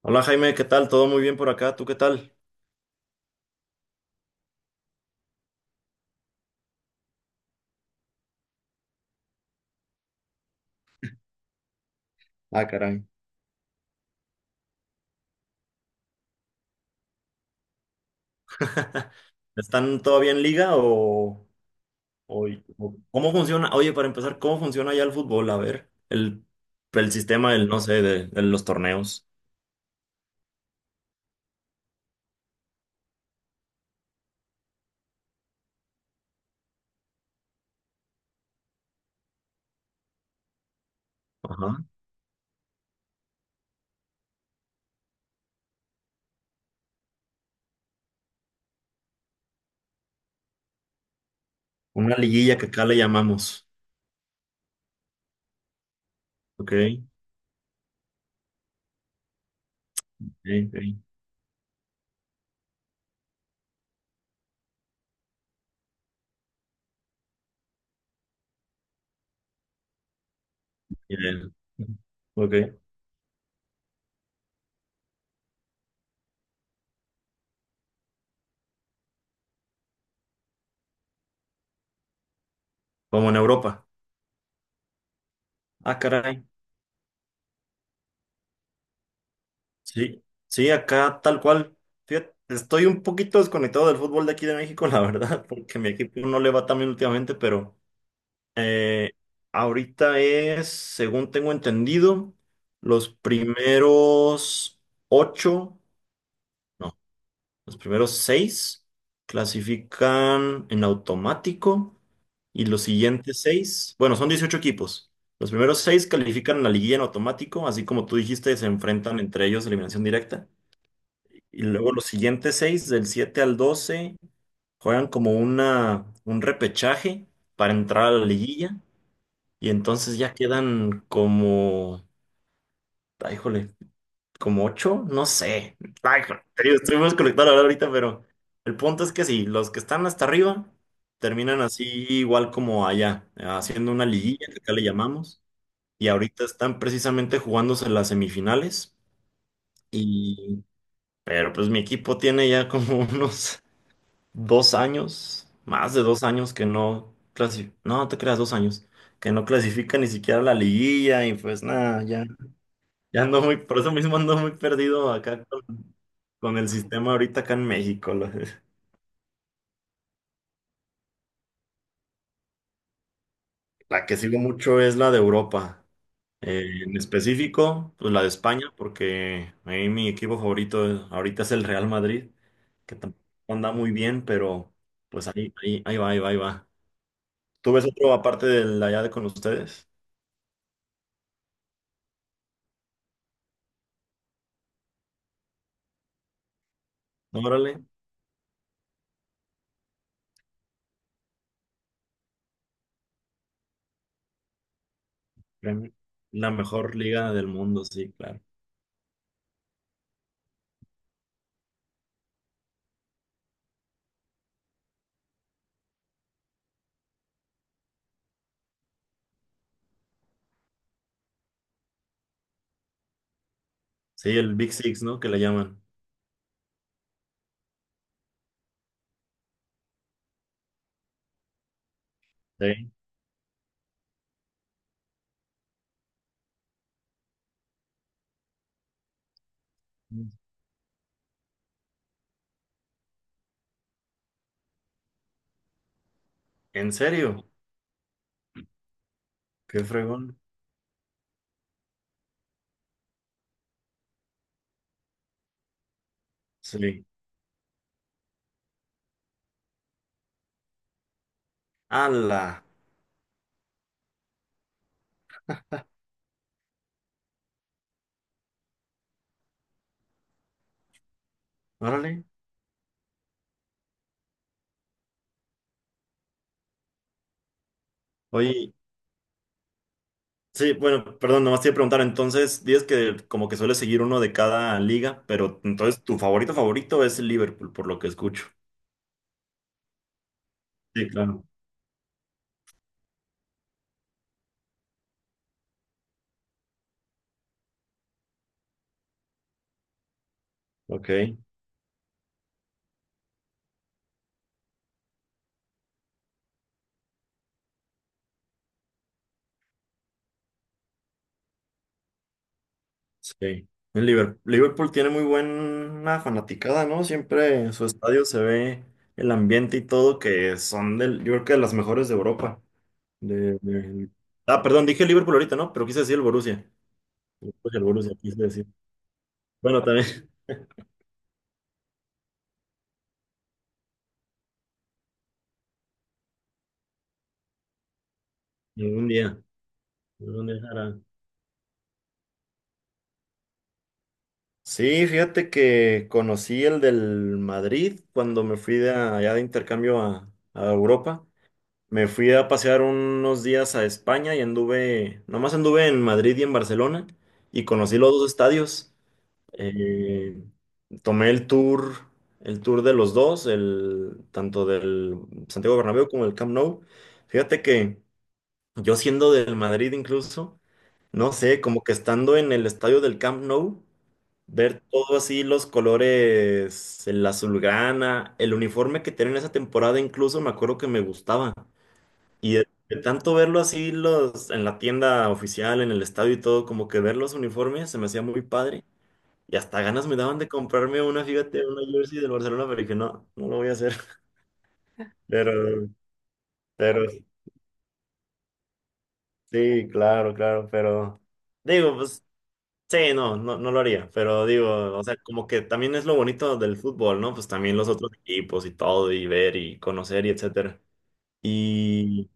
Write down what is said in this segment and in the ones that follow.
Hola Jaime, ¿qué tal? ¿Todo muy bien por acá? ¿Tú qué tal? Ah, caray. ¿Están todavía en liga o- o cómo funciona? Oye, para empezar, ¿cómo funciona ya el fútbol? A ver, el sistema del, no sé, de los torneos. Ajá. Una liguilla que acá le llamamos. Ok, ok, ok. Bien. Ok, como en Europa. Ah, caray. Sí, sí, acá tal cual. Fíjate, estoy un poquito desconectado del fútbol de aquí de México, la verdad, porque mi equipo no le va tan bien últimamente, pero... Eh, ahorita es, según tengo entendido, los primeros ocho, no, los primeros seis clasifican en automático y los siguientes seis, bueno, son 18 equipos. Los primeros seis califican a la liguilla en automático, así como tú dijiste, se enfrentan entre ellos eliminación directa. Y luego los siguientes seis, del 7 al 12, juegan como un repechaje para entrar a la liguilla. Y entonces ya quedan como, ay, híjole, como ocho, no sé. Ay, híjole, te digo, estoy muy desconectado ahora ahorita, pero el punto es que sí, los que están hasta arriba terminan así igual como allá, haciendo una liguilla, que acá le llamamos, y ahorita están precisamente jugándose las semifinales, y, pero pues mi equipo tiene ya como unos 2 años, más de 2 años que no clasifica, no, no te creas, 2 años que no clasifica ni siquiera a la liguilla y pues nada, ya. Ya ando muy, por eso mismo ando muy perdido acá con, el sistema ahorita acá en México. La que sigo mucho es la de Europa. En específico, pues la de España, porque ahí mi equipo favorito ahorita es el Real Madrid, que tampoco anda muy bien, pero pues ahí, ahí, ahí va, ahí va, ahí va. ¿Tú ves otro aparte del allá de con ustedes? Órale. Premier- la mejor liga del mundo, sí, claro. Sí, el Big Six, ¿no? Que le llaman. Sí. ¿En serio? Qué fregón. Sí. ¡Hala! Órale. Oye, sí, bueno, perdón, nomás te iba a preguntar. Entonces, dices que como que suele seguir uno de cada liga, pero entonces tu favorito favorito es el Liverpool, por lo que escucho. Sí, claro. Ok, sí. El Liverpool tiene muy buena fanaticada, ¿no? Siempre en su estadio se ve el ambiente y todo, que son del, yo creo que de las mejores de Europa. De, de- Ah, perdón, dije Liverpool ahorita, ¿no? Pero quise decir el Borussia. Pues el Borussia, quise decir. Bueno, también. Algún día, algún día hará. Sí, fíjate que conocí el del Madrid cuando me fui de allá de intercambio a Europa. Me fui a pasear unos días a España y nomás anduve en Madrid y en Barcelona y conocí los dos estadios. Eh, tomé el tour de los dos, tanto del Santiago Bernabéu como el Camp Nou. Fíjate que yo siendo del Madrid incluso, no sé, como que estando en el estadio del Camp Nou. Ver todo así, los colores, el azulgrana, el uniforme que tienen esa temporada, incluso me acuerdo que me gustaba. Y de tanto verlo así los, en la tienda oficial, en el estadio y todo, como que ver los uniformes se me hacía muy padre. Y hasta ganas me daban de comprarme una, fíjate, una jersey del Barcelona, pero dije, no, no lo voy a hacer. Pero, pero, sí, claro, claro, pero digo, pues. Sí, no, no, no lo haría, pero digo, o sea, como que también es lo bonito del fútbol, ¿no? Pues también los otros equipos y todo, y ver y conocer y etcétera. Y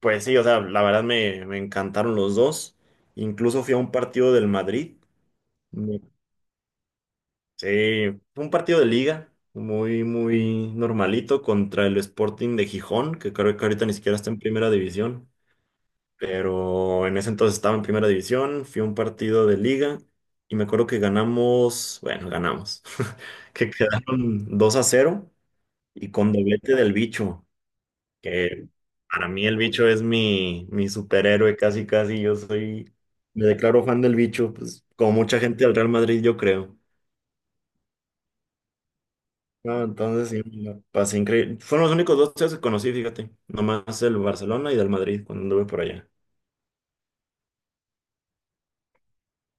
pues sí, o sea, la verdad me encantaron los dos. Incluso fui a un partido del Madrid. Me- Sí, fue un partido de liga, muy, muy normalito contra el Sporting de Gijón, que creo que ahorita ni siquiera está en primera división, pero en ese entonces estaba en primera división, fui a un partido de liga y me acuerdo que ganamos, bueno, ganamos, que quedaron 2-0 y con doblete del bicho, que para mí el bicho es mi superhéroe casi casi, me declaro fan del bicho, pues como mucha gente del Real Madrid yo creo. No, entonces sí, me la pasé increíble. Fueron los únicos dos tíos que conocí, fíjate. Nomás el Barcelona y del Madrid cuando anduve por allá.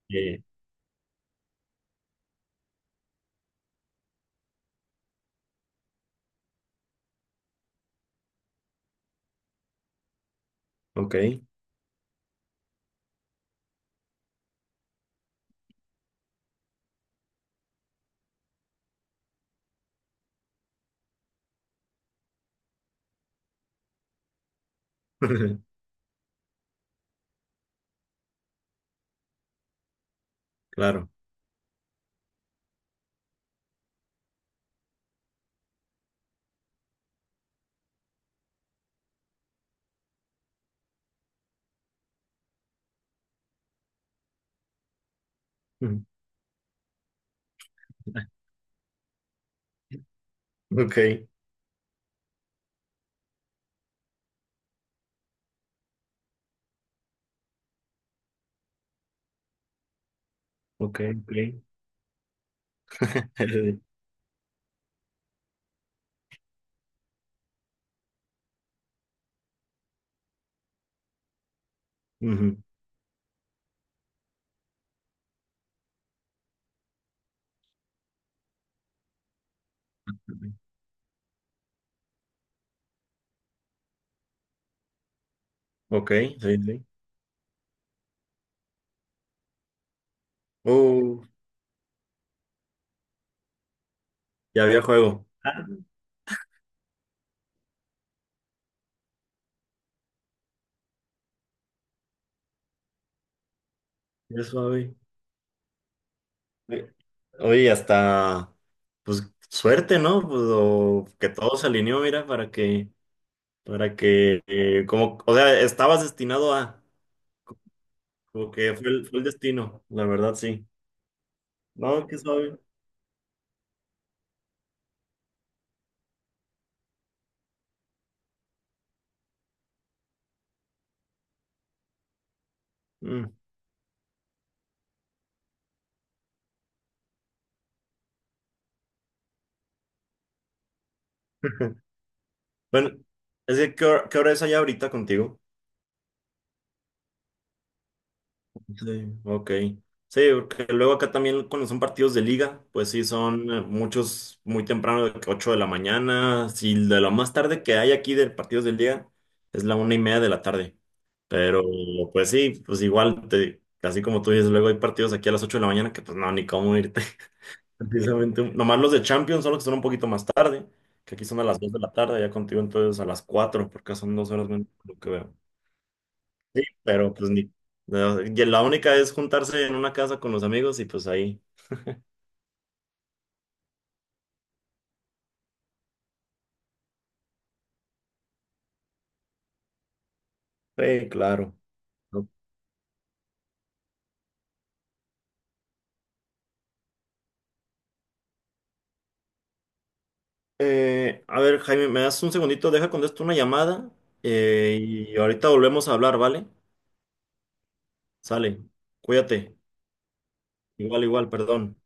Sí. Ok. Claro. Ok, ok, ok. Ujú. Ok, sí, sí. Uh, ya había juego. Ah, qué suave. Eh, Oye, hasta, pues, suerte, ¿no? Pues, o que todo se alineó, mira, para que, como, o sea, estabas destinado a, como que fue el destino, la verdad, sí. No, qué suave. Mm. Bueno, es que, ¿qué hora es allá ahorita contigo? Sí, ok. Sí, porque luego acá también cuando son partidos de liga, pues sí, son muchos muy temprano, de que 8 de la mañana. Sí, de lo más tarde que hay aquí de partidos de liga es la 1:30 de la tarde. Pero pues sí, pues igual, así como tú dices, luego hay partidos aquí a las 8 de la mañana que pues no, ni cómo irte. Precisamente, nomás los de Champions son los que son un poquito más tarde, que aquí son a las 2 de la tarde, ya contigo entonces a las 4 porque son 2 horas menos lo que veo. Sí, pero pues ni... no, y la única es juntarse en una casa con los amigos y pues ahí. Sí, claro. ¿No? A ver, Jaime, me das un segundito, deja contesto una llamada y ahorita volvemos a hablar, ¿vale? Sale, cuídate. Igual, igual, perdón.